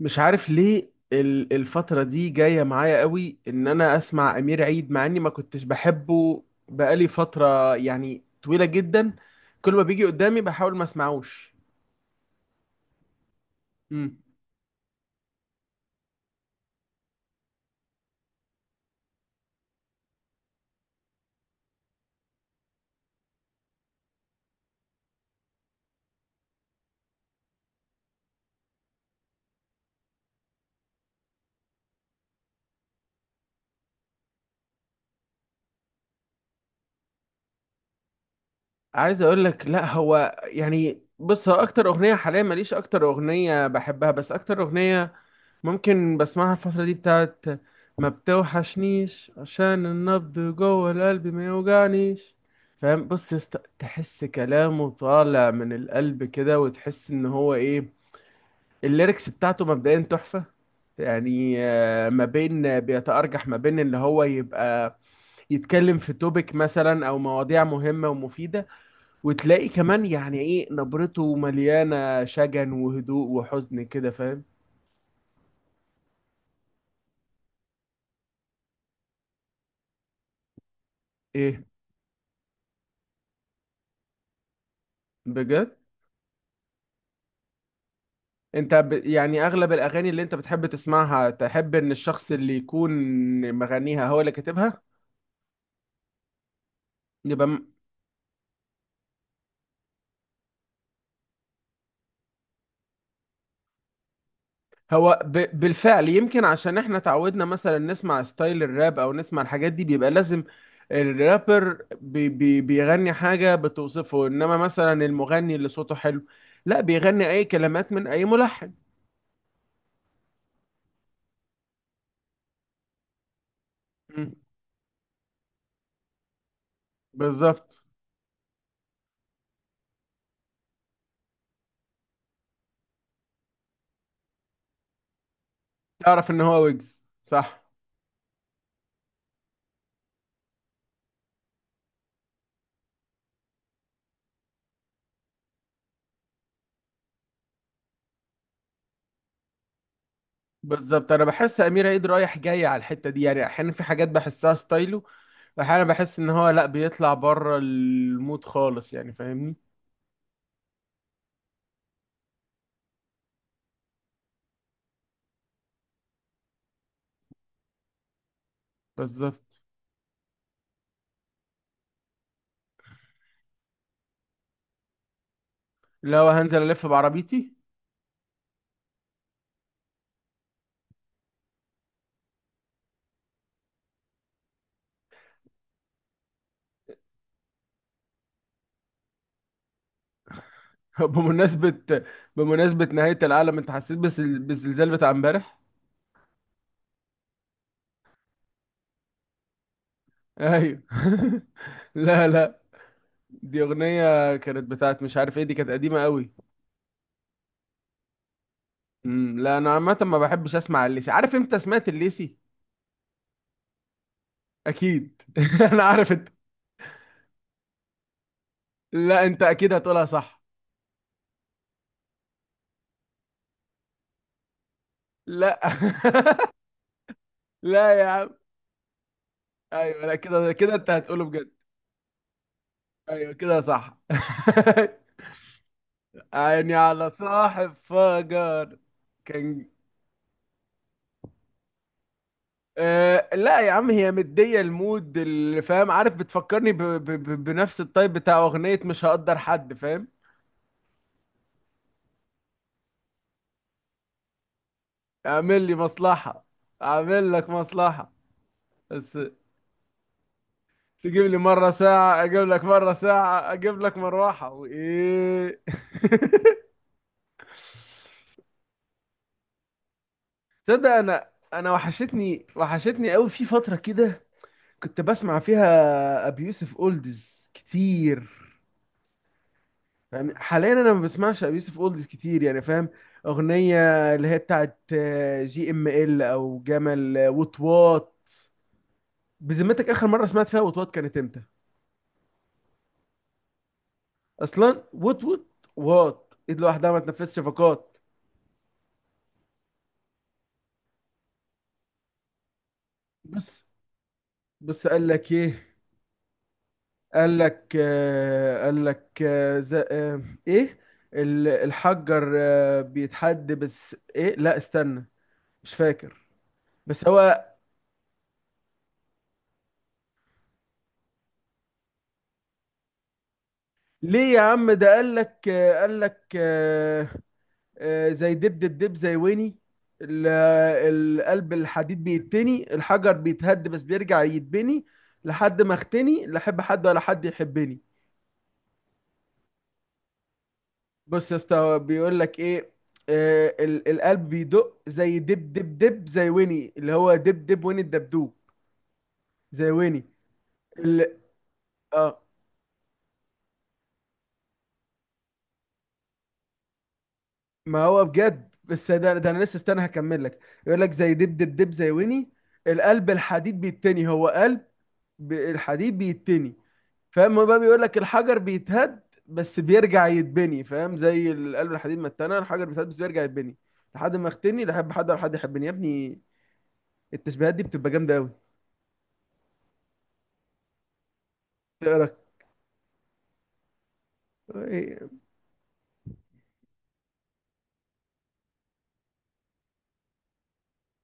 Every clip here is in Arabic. مش عارف ليه الفترة دي جاية معايا قوي ان انا اسمع امير عيد، مع اني ما كنتش بحبه. بقالي فترة يعني طويلة جدا. كل ما بيجي قدامي بحاول ما اسمعوش. امم عايز اقول لك، لا هو يعني، بص، هو اكتر اغنية حاليا ماليش اكتر اغنية بحبها، بس اكتر اغنية ممكن بسمعها الفترة دي بتاعت ما بتوحشنيش، عشان النبض جوه القلب ما يوجعنيش. فاهم؟ بص يا اسطى، تحس كلامه طالع من القلب كده، وتحس ان هو ايه. الليركس بتاعته مبدئيا تحفة. يعني ما بين، بيتأرجح ما بين اللي هو يبقى يتكلم في توبيك مثلا او مواضيع مهمة ومفيدة، وتلاقي كمان يعني ايه نبرته مليانة شجن وهدوء وحزن كده، فاهم؟ ايه. بجد. انت يعني اغلب الاغاني اللي انت بتحب تسمعها تحب ان الشخص اللي يكون مغنيها هو اللي كاتبها. يبقى م- هو ب... بالفعل، يمكن عشان احنا تعودنا مثلا نسمع ستايل الراب او نسمع الحاجات دي، بيبقى لازم الرابر بيغني حاجة بتوصفه، انما مثلا المغني اللي صوته حلو لا، بيغني اي كلمات من اي ملحن. مم. بالظبط. تعرف ان هو ويجز، صح. بالظبط. انا بحس امير عيد رايح جاي على الحتة دي، يعني احيانا في حاجات بحسها ستايله، احيانا بحس ان هو لا بيطلع بره المود خالص، يعني فاهمني. بالظبط. اللي هو هنزل الف بعربيتي. بمناسبة، بمناسبة نهاية العالم، انت حسيت بالزلزال بتاع امبارح؟ ايوه. لا، لا، دي اغنية كانت بتاعت، مش عارف ايه، دي كانت قديمة قوي. لا، انا عامة ما بحبش اسمع الليسي. عارف امتى سمعت الليسي؟ اكيد. انا عارف. انت لا، انت اكيد هتقولها صح. لا. لا يا عم. ايوه، لا كده كده انت هتقوله، بجد. ايوه كده صح. عيني على صاحب فجر. كان. أه لا يا عم، هي مدية المود اللي فاهم. عارف بتفكرني بنفس الطيب بتاع أغنية مش هقدر حد، فاهم؟ اعمل لي مصلحة اعمل لك مصلحة. بس تجيب لي مرة ساعة اجيب لك مرة ساعة اجيب لك مروحة وايه. تصدق انا، وحشتني، وحشتني قوي في فترة كده. كنت بسمع فيها ابي يوسف اولدز كتير. يعني حاليا انا ما بسمعش ابي يوسف اولدز كتير، يعني فاهم. اغنيه، اللي هي بتاعت جي ام ال او جمل، وات وات. بذمتك، اخر مره سمعت فيها وات وات كانت امتى؟ اصلا وات وات، وات ايد لوحدها ما تنفذش شفقات. بص، بص، قال لك ايه. قال لك قال لك ايه، الحجر بيتحد، بس ايه، لا استنى. مش فاكر. بس هو، ليه يا عم؟ ده قال لك زي دب دب دب زي ويني، ال- القلب الحديد بيتني، الحجر بيتهد بس بيرجع يتبني، لحد ما اختني، لا احب حد ولا حد يحبني. بص يا اسطى، هو بيقول لك ايه. القلب بيدق زي دب دب دب زي ويني، اللي هو دب دب ويني الدبدوب، زي ويني. ال... اه ما هو بجد، بس ده انا لسه استنى، هكمل لك. يقول لك زي دب دب دب زي ويني، القلب الحديد بيتني، هو قلب الحديد بيتني، فاهم؟ هو بقى بيقول لك الحجر بيتهد بس بيرجع يتبني، فاهم؟ زي القلب الحديد ما اتنى، الحجر بيتهد بس بيرجع يتبني، لحد ما اختني لا احب حد ولا حد يحبني، يا ابني التشبيهات دي بتبقى جامده قوي. تقرا؟ إيه؟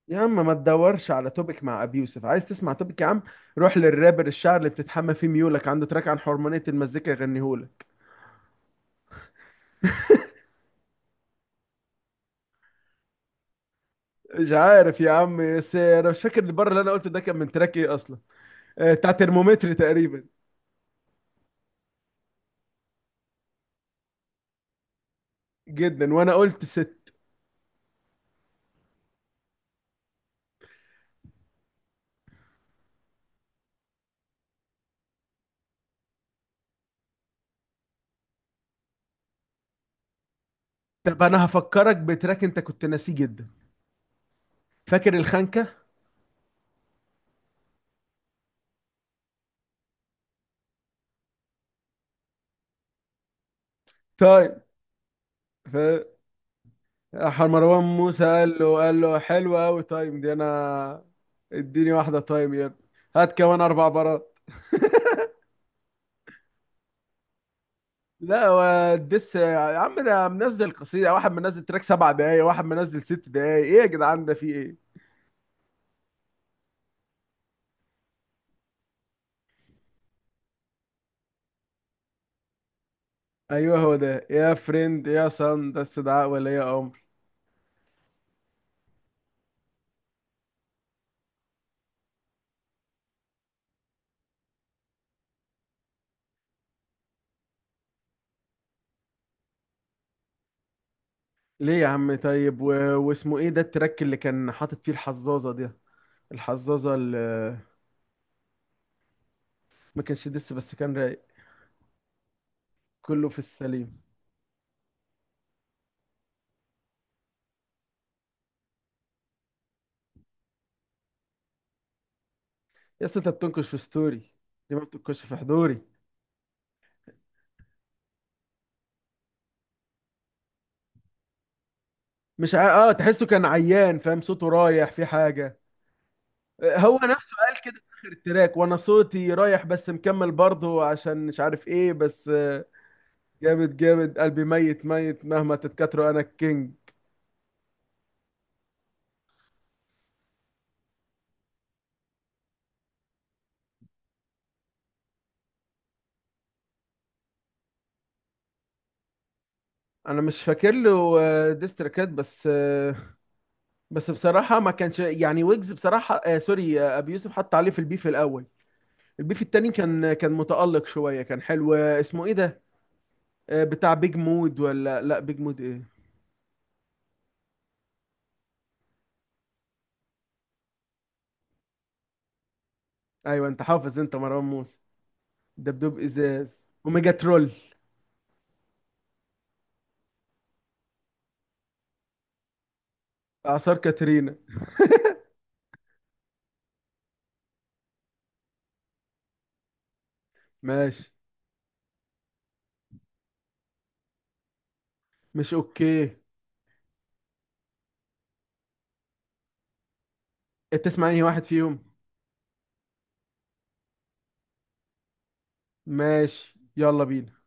يا عم، ما تدورش على توبيك مع ابي يوسف. عايز تسمع توبيك يا عم؟ روح للرابر الشعر اللي بتتحمى فيه ميولك، عنده تراك عن حرمانية المزيكا يغنيهولك. مش عارف يا عم، بس انا مش فاكر البر اللي انا قلته ده كان من تراك ايه اصلا. بتاع ترمومتر تقريبا. جدا. وانا قلت 6. طب انا هفكرك بتراك انت كنت ناسيه جدا. فاكر الخنكه؟ طيب. ف راح مروان موسى قال له حلوه قوي تايم دي، انا اديني واحده تايم يا ابني، هات كمان 4 برات. لا والدس يا عم، انا منزل قصيده واحد، منزل تراك 7 دقايق، واحد منزل 6 دقايق. ايه يا جدعان، ده في ايه؟ ايوه هو ده، يا فريند يا صن ده استدعاء ولي امر. ليه يا عم؟ طيب و... واسمه ايه ده التراك اللي كان حاطط فيه الحظاظه دي، الحظاظه اللي. ما كانش دس بس كان رايق. كله في السليم. يا اسطى انت بتنكش في ستوري، ليه ما بتنكش في حضوري. مش ع... اه، تحسه كان عيان، فاهم؟ صوته رايح في حاجه. هو نفسه قال كده في اخر التراك، وانا صوتي رايح بس مكمل برضه عشان مش عارف ايه بس جامد جامد، قلبي ميت ميت، مهما تتكاتروا انا الكينج. انا مش فاكر له ديستريكات، بس بس بصراحه، ما كانش يعني، ويجز بصراحه، آه سوري، ابي يوسف حط عليه في البيف الاول. البيف التاني كان متالق شويه، كان حلو. اسمه ايه ده؟ بتاع بيج مود، ولا لا بيج مود ايه. ايوه، انت حافظ انت مروان موسى. دبدوب، ازاز، وميجا ترول. اعصار كاترينا. ماشي. مش اوكي. تسمع اي واحد فيهم. ماشي، يلا بينا.